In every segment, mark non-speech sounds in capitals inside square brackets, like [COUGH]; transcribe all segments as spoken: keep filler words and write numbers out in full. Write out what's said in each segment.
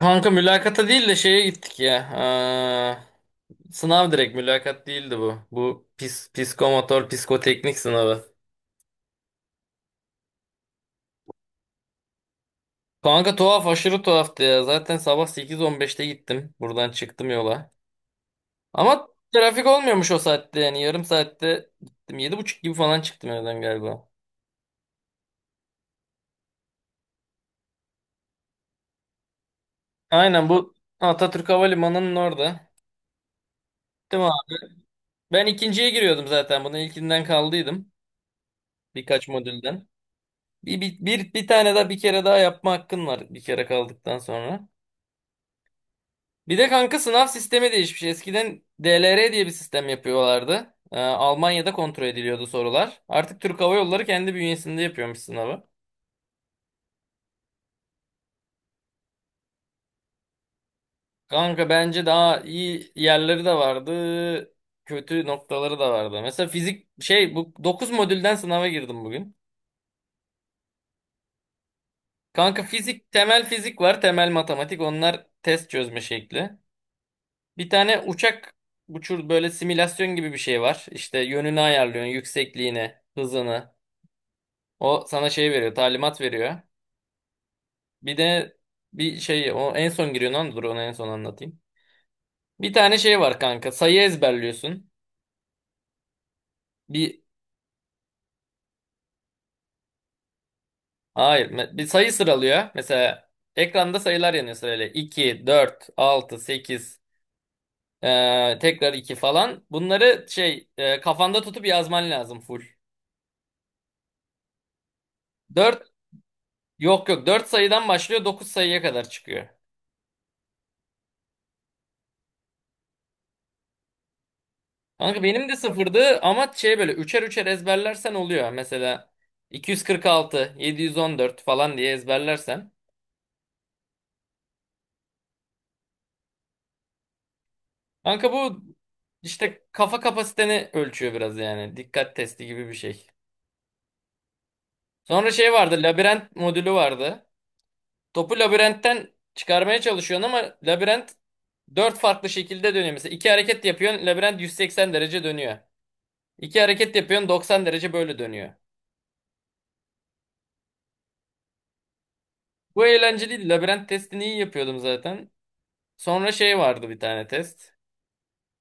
Kanka mülakata değil de şeye gittik ya. Aa, sınav direkt mülakat değildi bu. Bu pis, psikomotor, psikoteknik sınavı. Kanka tuhaf, aşırı tuhaftı ya. Zaten sabah sekiz on beşte gittim. Buradan çıktım yola. Ama trafik olmuyormuş o saatte yani. Yarım saatte gittim. Yedi buçuk gibi falan çıktım evden galiba. Aynen, bu Atatürk Havalimanı'nın orada. Değil mi abi? Ben ikinciye giriyordum zaten. Bunun ilkinden kaldıydım. Birkaç modülden. Bir, bir, bir, bir tane daha, bir kere daha yapma hakkın var bir kere kaldıktan sonra. Bir de kanka sınav sistemi değişmiş. Eskiden D L R diye bir sistem yapıyorlardı. Ee, Almanya'da kontrol ediliyordu sorular. Artık Türk Hava Yolları kendi bünyesinde yapıyormuş sınavı. Kanka bence daha iyi yerleri de vardı. Kötü noktaları da vardı. Mesela fizik, şey, bu dokuz modülden sınava girdim bugün. Kanka fizik, temel fizik var, temel matematik, onlar test çözme şekli. Bir tane uçak uçur, böyle simülasyon gibi bir şey var. İşte yönünü ayarlıyorsun, yüksekliğini, hızını. O sana şey veriyor, talimat veriyor. Bir de bir şey, o en son giriyor lan, dur onu en son anlatayım. Bir tane şey var kanka. Sayı ezberliyorsun. Bir hayır, me- bir sayı sıralıyor. Mesela ekranda sayılar yanıyor sırayla. iki, dört, altı, sekiz, tekrar iki falan. Bunları şey, e, kafanda tutup yazman lazım full. Dört Yok yok, dört sayıdan başlıyor, dokuz sayıya kadar çıkıyor. Kanka benim de sıfırdı ama şey, böyle üçer üçer ezberlersen oluyor. Mesela iki yüz kırk altı, yedi yüz on dört falan diye ezberlersen. Kanka bu işte kafa kapasiteni ölçüyor biraz yani. Dikkat testi gibi bir şey. Sonra şey vardı, labirent modülü vardı. Topu labirentten çıkarmaya çalışıyorsun ama labirent dört farklı şekilde dönüyor. Mesela iki hareket yapıyorsun, labirent yüz seksen derece dönüyor. İki hareket yapıyorsun, doksan derece böyle dönüyor. Bu eğlenceliydi. Labirent testini iyi yapıyordum zaten. Sonra şey vardı, bir tane test.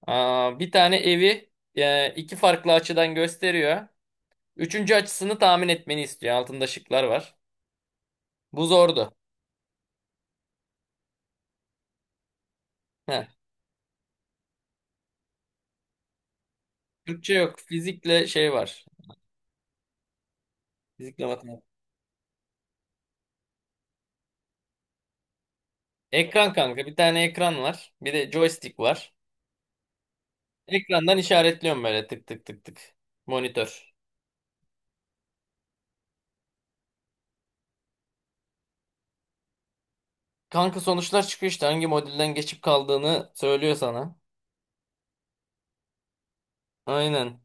Aa, bir tane evi, e, iki farklı açıdan gösteriyor. Üçüncü açısını tahmin etmeni istiyor. Altında şıklar var. Bu zordu. Heh. Türkçe yok. Fizikle şey var. Fizikle matematik. Ekran kanka. Bir tane ekran var. Bir de joystick var. Ekrandan işaretliyorum böyle, tık tık tık tık. Monitör. Kanka sonuçlar çıkıyor işte. Hangi modülden geçip kaldığını söylüyor sana. Aynen.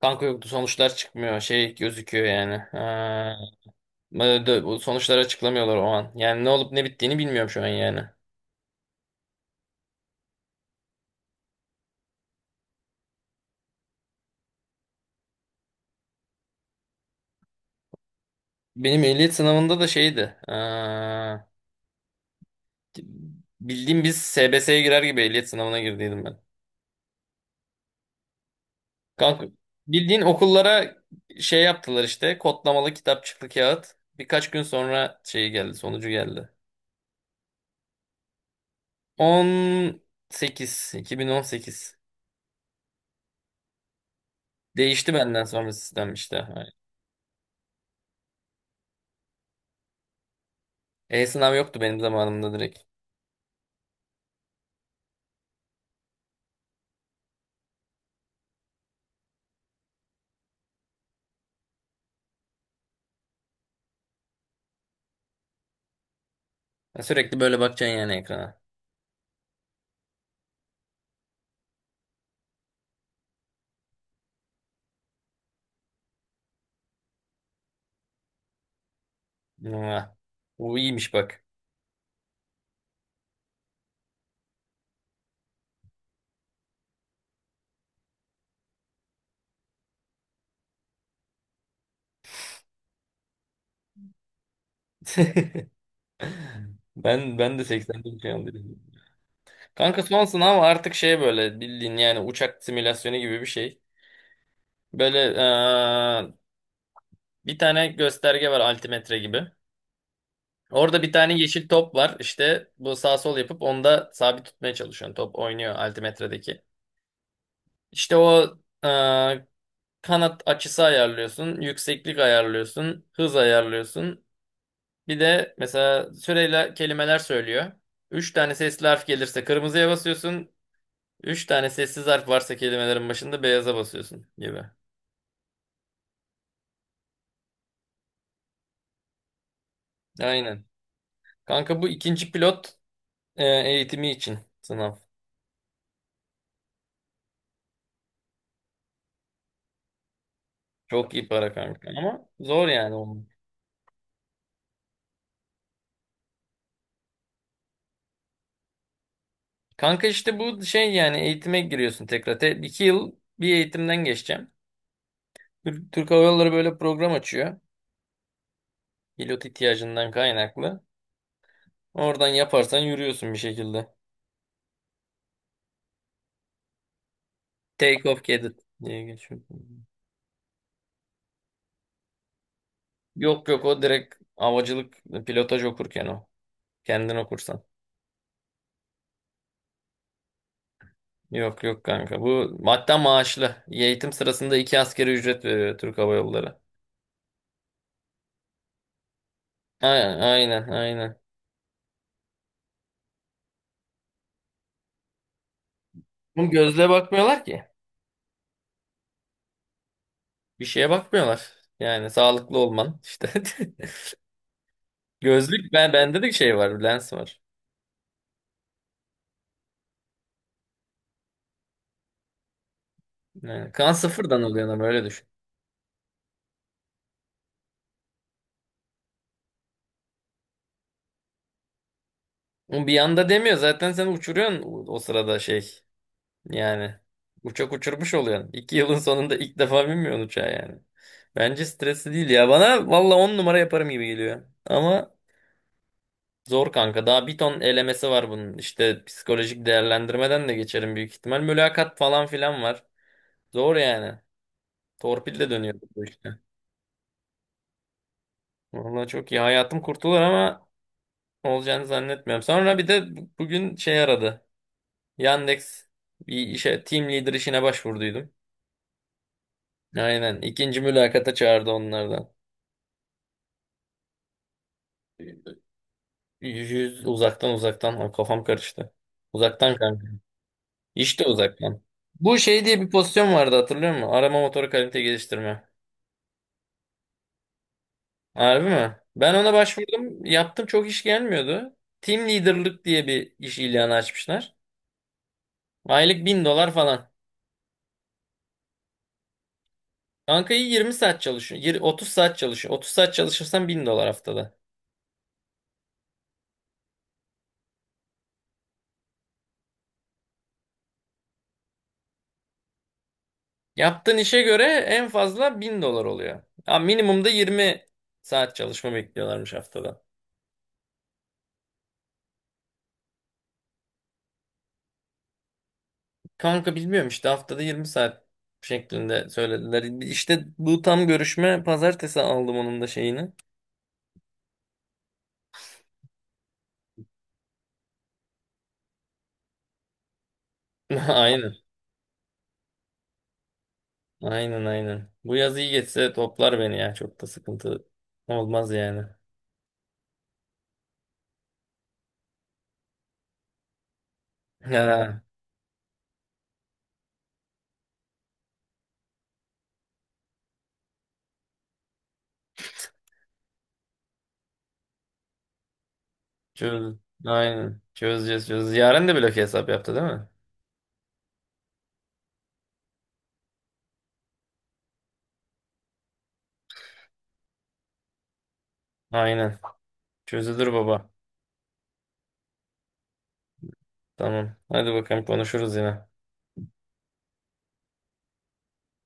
Kanka yoktu, sonuçlar çıkmıyor, şey gözüküyor yani. Ha, böyle bu sonuçları açıklamıyorlar o an. Yani ne olup ne bittiğini bilmiyorum şu an yani. Benim ehliyet sınavında da şeydi. Ha, bildiğim biz S B S'ye girer gibi ehliyet sınavına girdiydim ben. Kanka bildiğin okullara şey yaptılar işte, kodlamalı kitapçıklı kağıt. Birkaç gün sonra şey geldi, sonucu geldi. on sekiz iki bin on sekiz. Değişti benden sonra sistem işte. E-sınav yoktu benim zamanımda direkt. Ya, sürekli böyle bakacaksın yani ekrana. Mua. Bu iyiymiş bak. [LAUGHS] Ben ben de seksende şu an dedim. Kanka son sınav artık şey, böyle bildiğin yani uçak simülasyonu gibi bir şey. Böyle, eee, bir tane gösterge var, altimetre gibi. Orada bir tane yeşil top var. İşte bu sağ sol yapıp onda sabit tutmaya çalışıyorsun. Top oynuyor altimetredeki. İşte o eee, kanat açısı ayarlıyorsun, yükseklik ayarlıyorsun, hız ayarlıyorsun. Bir de mesela süreyle kelimeler söylüyor. Üç tane sesli harf gelirse kırmızıya basıyorsun. Üç tane sessiz harf varsa kelimelerin başında beyaza basıyorsun gibi. Aynen. Kanka bu ikinci pilot e, eğitimi için sınav. Çok iyi para kanka ama zor yani onun. Kanka işte bu şey yani, eğitime giriyorsun tekrar. Te iki yıl bir eğitimden geçeceğim. Tür- Türk Hava Yolları böyle program açıyor. Pilot ihtiyacından kaynaklı. Oradan yaparsan yürüyorsun bir şekilde. Take off cadet diye geçiyor. Yok yok, o direkt havacılık, pilotaj okurken o. Kendin okursan. Yok yok kanka. Bu hatta maaşlı. Eğitim sırasında iki askeri ücret veriyor Türk Hava Yolları. Aynen, aynen, aynen. Bu gözle bakmıyorlar ki. Bir şeye bakmıyorlar. Yani sağlıklı olman işte. [LAUGHS] Gözlük, ben bende de şey var, lens var. Yani kan sıfırdan oluyor ama öyle düşün. Ama bir anda demiyor zaten, seni uçuruyorsun o o sırada şey, yani uçak uçurmuş oluyorsun. İki yılın sonunda ilk defa binmiyorsun uçağa yani. Bence stresli değil ya. Bana valla on numara yaparım gibi geliyor. Ama zor kanka. Daha bir ton elemesi var bunun. İşte psikolojik değerlendirmeden de geçerim büyük ihtimal. Mülakat falan filan var. Zor yani. Torpil de dönüyor bu işte. Valla çok iyi. Hayatım kurtulur ama olacağını zannetmiyorum. Sonra bir de bu- bugün şey aradı. Yandex, bir işe, team leader işine başvurduydum. Aynen. İkinci mülakata çağırdı onlardan. Yüz uzaktan, uzaktan. Ay, kafam karıştı. Uzaktan kanka. İşte uzaktan. Bu şey diye bir pozisyon vardı, hatırlıyor musun? Arama motoru kalite geliştirme. Harbi mi? Ben ona başvurdum. Yaptım, çok iş gelmiyordu. Team leader'lık diye bir iş ilanı açmışlar. Aylık bin dolar falan. Kanka iyi, yirmi saat çalışıyor. Yir- otuz saat çalışıyor. otuz saat çalışırsan bin dolar haftada. Yaptığın işe göre en fazla bin dolar oluyor. Ha, minimumda yirmi saat çalışma bekliyorlarmış haftada. Kanka bilmiyorum işte, haftada yirmi saat şeklinde söylediler. İşte bu tam görüşme, pazartesi aldım onun da şeyini. [LAUGHS] Aynen. Aynen, aynen. Bu yaz iyi geçse toplar beni ya. Çok da sıkıntı olmaz yani. [LAUGHS] Ya, çöz. Aynen. Çözeceğiz, çözeceğiz. Yaren de blok hesap yaptı değil mi? Aynen. Çözülür baba. Tamam. Hadi bakalım, konuşuruz yine.